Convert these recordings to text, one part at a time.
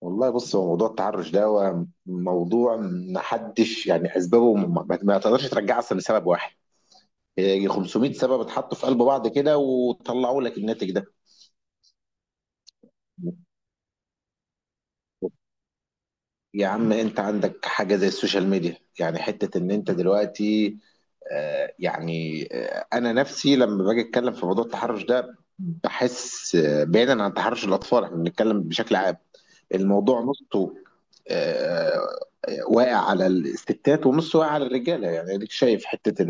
والله بص، هو موضوع التحرش ده هو موضوع. محدش يعني اسبابه ما تقدرش ترجعها اصلا لسبب واحد. هي 500 سبب اتحطوا في قلب بعض كده وطلعوا لك الناتج ده. يا عم، انت عندك حاجه زي السوشيال ميديا، يعني حته ان انت دلوقتي. انا نفسي لما باجي اتكلم في موضوع التحرش ده بحس، بعيدا عن تحرش الاطفال احنا بنتكلم بشكل عام. الموضوع نصه آه، واقع على الستات ونص واقع على الرجاله. يعني اديك شايف حته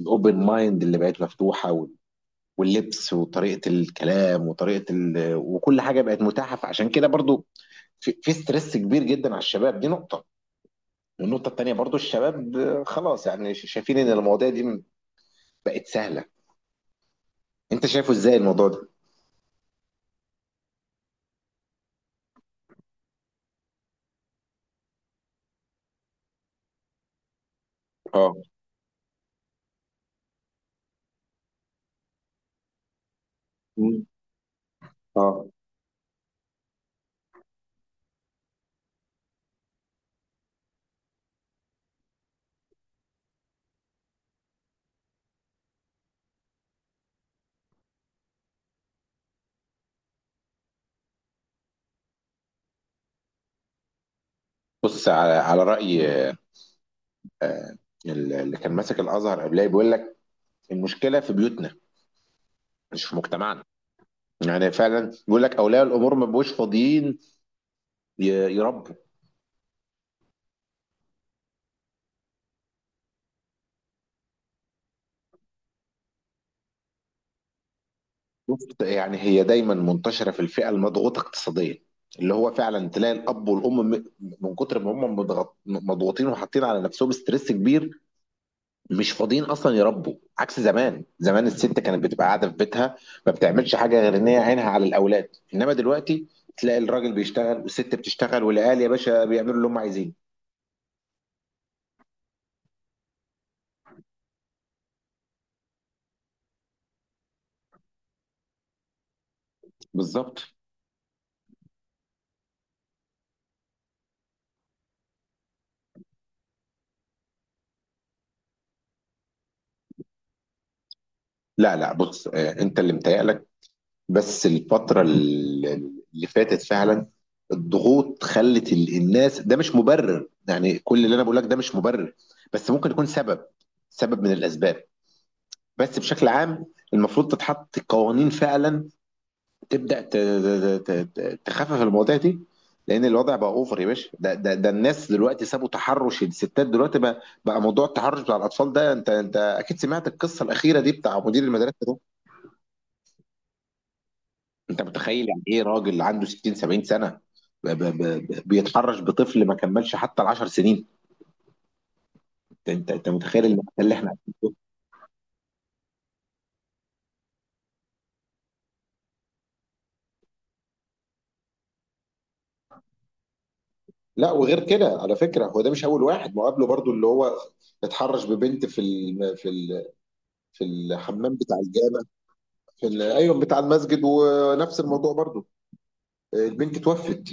الاوبن مايند اللي بقت مفتوحه واللبس وطريقه الكلام وطريقه وكل حاجه بقت متاحه. فعشان كده برضو في ستريس كبير جدا على الشباب. دي نقطه. والنقطه التانيه برضو الشباب، خلاص يعني شايفين ان المواضيع دي بقت سهله. انت شايفه ازاي الموضوع ده؟ اه. مم. اه. بص على على راي، آه، اللي كان ماسك الازهر قبلها بيقول لك المشكله في بيوتنا، مش في مجتمعنا. يعني فعلا بيقول لك اولياء الامور ما بيبقوش فاضيين ي- يربوا. بص، يعني هي دايما منتشره في الفئه المضغوطه اقتصاديا، اللي هو فعلا تلاقي الاب والام من كتر ما هم مضغوطين وحاطين على نفسهم ستريس كبير، مش فاضيين اصلا يربوا. عكس زمان. زمان الست كانت بتبقى قاعده في بيتها، ما بتعملش حاجه غير ان هي عينها على الاولاد. انما دلوقتي تلاقي الراجل بيشتغل والست بتشتغل والعيال يا باشا بيعملوا اللي هم عايزينه. بالظبط. لا لا، بص، انت اللي متهيألك. بس الفترة اللي فاتت فعلا الضغوط خلت الناس. ده مش مبرر، يعني كل اللي انا بقول لك ده مش مبرر، بس ممكن يكون سبب، سبب من الاسباب. بس بشكل عام المفروض تتحط قوانين فعلا تبدأ تخفف المواضيع دي. لان الوضع بقى اوفر يا باشا. ده الناس دلوقتي سابوا تحرش الستات. دلوقتي بقى موضوع التحرش بتاع الاطفال ده. انت اكيد سمعت القصة الأخيرة دي بتاع مدير المدرسة. انت متخيل يعني ايه راجل عنده 60 70 سنه بيتحرش بطفل ما كملش حتى ال 10 سنين؟ انت متخيل المأساة اللي احنا عايشين فيها؟ لا، وغير كده على فكره، هو ده مش اول واحد. ما هو قبله برضو اللي هو اتحرش ببنت في ال في الحمام بتاع الجامع. في ايوه بتاع المسجد، ونفس الموضوع برضو، البنت توفت.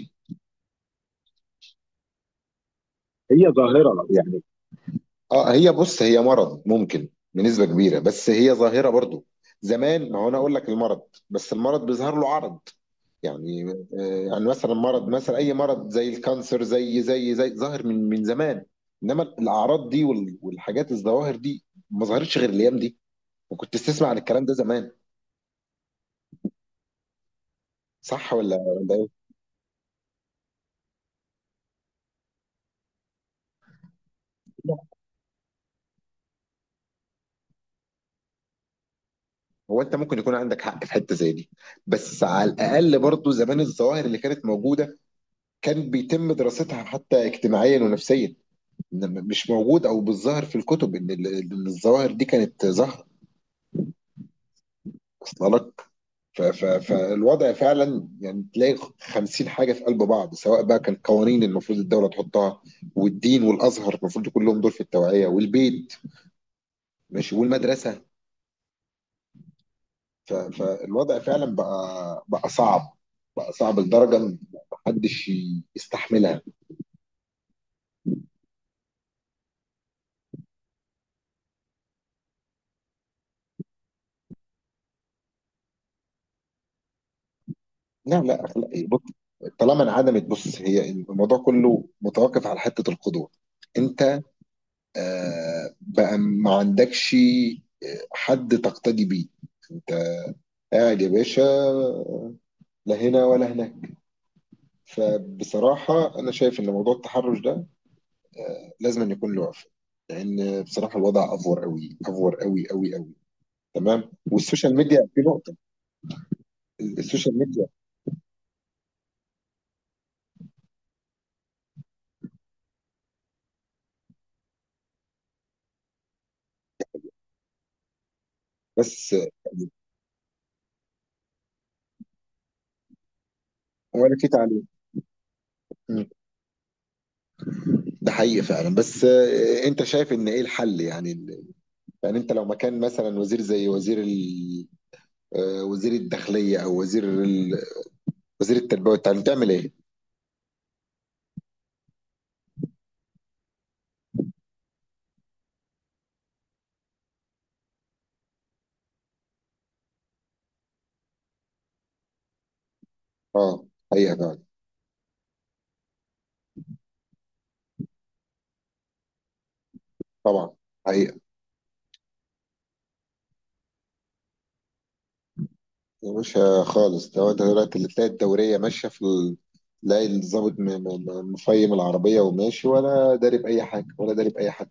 هي ظاهره يعني. اه، هي بص، هي مرض ممكن بنسبة كبيرة، بس هي ظاهرة برضو. زمان، ما هو انا اقول لك المرض، بس المرض بيظهر له عرض. يعني، يعني مثلا مرض، مثلا اي مرض زي الكانسر، زي ظاهر من زمان، انما الاعراض دي والحاجات الظواهر دي ما ظهرتش غير الايام دي. وكنت تسمع عن الكلام ده زمان؟ صح ولا ايه؟ هو انت ممكن يكون عندك حق في حته زي دي، بس على الاقل برضو زمان الظواهر اللي كانت موجوده كان بيتم دراستها حتى اجتماعيا ونفسيا. إنما مش موجود او بالظاهر في الكتب ان إن الظواهر دي كانت ظاهره اصلا. فالوضع فعلا، يعني تلاقي خمسين حاجة في قلب بعض، سواء بقى كان قوانين المفروض الدولة تحطها، والدين والأزهر المفروض يكون لهم دور في التوعية، والبيت ماشي، والمدرسة. فالوضع فعلا بقى صعب. بقى صعب لدرجة إن محدش يستحملها. لا لا لا، بص، طالما انعدمت. بص هي الموضوع كله متوقف على حتة القدوة. انت بقى ما عندكش حد تقتدي بيه. انت قاعد يا باشا لا هنا ولا هناك. فبصراحة أنا شايف إن موضوع التحرش ده لازم أن يكون له وقف. لأن بصراحة الوضع أفور أوي، أفور أوي أوي أوي. تمام. والسوشيال ميديا في نقطة. السوشيال ميديا. بس ولا في تعليم. مم. ده حقيقي فعلا. بس أنت شايف إن إيه الحل؟ يعني يعني أنت لو مكان مثلا وزير زي وزير وزير الداخلية أو وزير وزير التربية والتعليم، تعمل إيه؟ أه، حقيقة فعلا. طبعا. حقيقة. يا باشا خالص، ده هو دلوقتي اللي تلاقي الدورية ماشية في تلاقي الظابط مفيم العربية وماشي ولا داري بأي حاجة ولا داري بأي حد.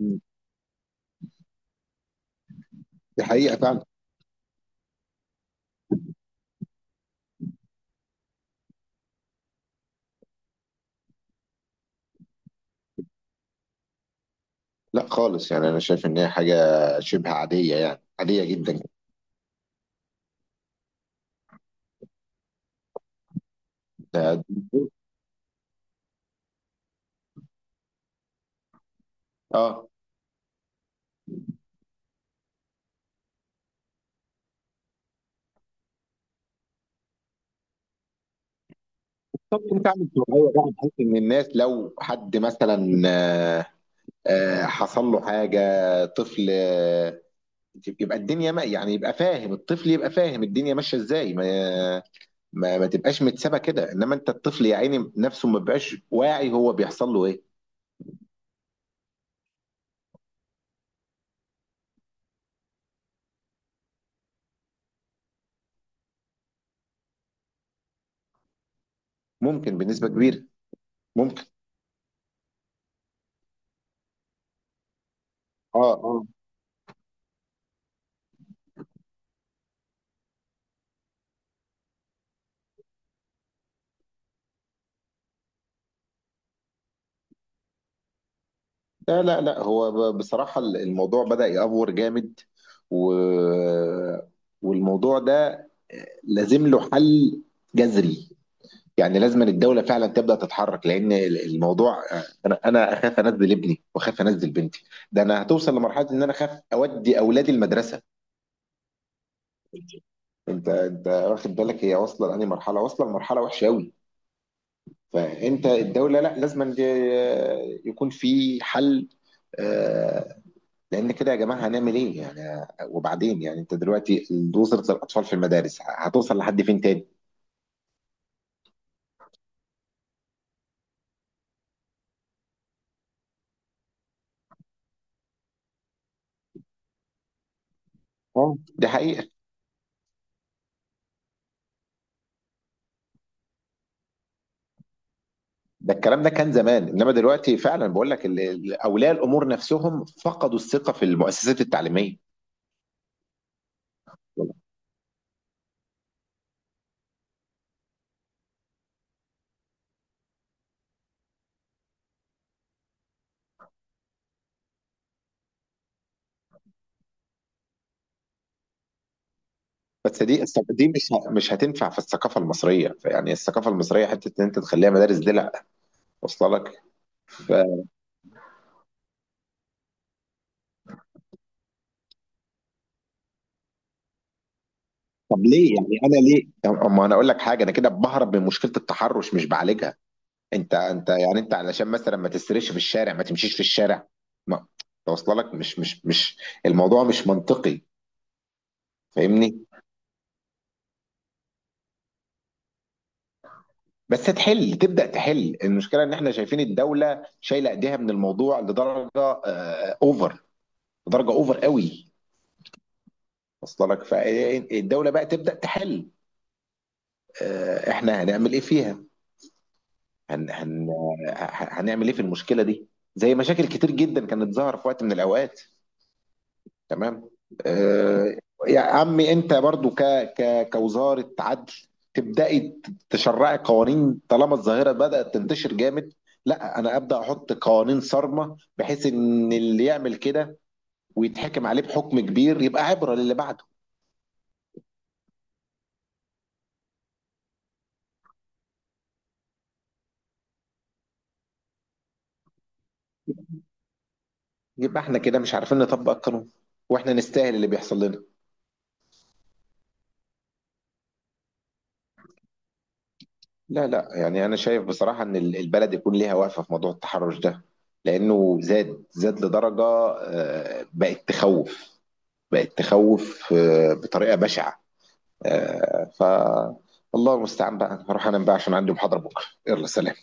م. دي حقيقة فعلا. لا خالص، يعني أنا شايف إن هي حاجة شبه عادية. يعني عادية جدا. ده- اه. طب انت عامل توعية بقى، بحيث ان الناس لو حد مثلا، حصل له حاجة، طفل، يبقى الدنيا ما، يعني يبقى فاهم. الطفل يبقى فاهم الدنيا ماشية ازاي، ما ما تبقاش متسابه كده. انما انت الطفل يا عيني نفسه ما بيبقاش واعي هو بيحصل له ايه. ممكن بنسبه كبيره. ممكن. اه اه. لا لا لا، هو بصراحه الموضوع بدأ يأفور جامد. و... والموضوع ده لازم له حل جذري. يعني لازم الدولة فعلا تبدأ تتحرك. لأن الموضوع، أنا أخاف أنزل ابني وأخاف أنزل بنتي. ده أنا هتوصل لمرحلة إن أنا أخاف أودي أولادي المدرسة. انت واخد بالك هي واصله لانهي مرحله؟ واصله لمرحله وحشه قوي. فانت الدوله، لا، لازم أن يكون في حل. آه، لان كده يا جماعه هنعمل ايه يعني؟ وبعدين يعني انت دلوقتي وزاره الاطفال في المدارس هتوصل لحد فين تاني؟ اه دي حقيقه. ده الكلام ده كان زمان، انما دلوقتي فعلا بقول لك اولياء الامور نفسهم فقدوا الثقه في المؤسسات التعليميه. بس دي، دي مش هتنفع في الثقافه المصريه. يعني الثقافه المصريه حته ان انت تخليها مدارس دي، لا، واصله لك. ف- طب ليه؟ يعني انا ليه؟ اما انا اقول لك حاجه، انا كده بهرب من مشكله التحرش، مش بعالجها. انت انت يعني انت علشان مثلا ما تسرقش في الشارع ما تمشيش في الشارع؟ ما توصل لك. مش مش مش الموضوع مش منطقي. فاهمني؟ بس تحل، تبدا تحل المشكله. ان احنا شايفين الدوله شايله ايديها من الموضوع لدرجه اوفر، لدرجه اوفر قوي وصل لك. فالدوله بقى تبدا تحل. احنا هنعمل ايه فيها؟ هن هن هنعمل ايه في المشكله دي؟ زي مشاكل كتير جدا كانت ظاهره في وقت من الاوقات. تمام. آه. يا عمي انت برضو ك ك كوزاره عدل، تبداي تشرعي قوانين طالما الظاهره بدات تنتشر جامد. لا، انا ابدا احط قوانين صارمه بحيث ان اللي يعمل كده ويتحكم عليه بحكم كبير يبقى عبره للي بعده. يبقى احنا كده مش عارفين نطبق القانون، واحنا نستاهل اللي بيحصل لنا. لا لا، يعني انا شايف بصراحه ان البلد يكون ليها وقفه في موضوع التحرش ده. لانه زاد، زاد لدرجه بقت تخوف. بقت تخوف بطريقه بشعه. آه، ف الله المستعان بقى. هروح انام بقى عشان عندي محاضره بكره. يلا سلام.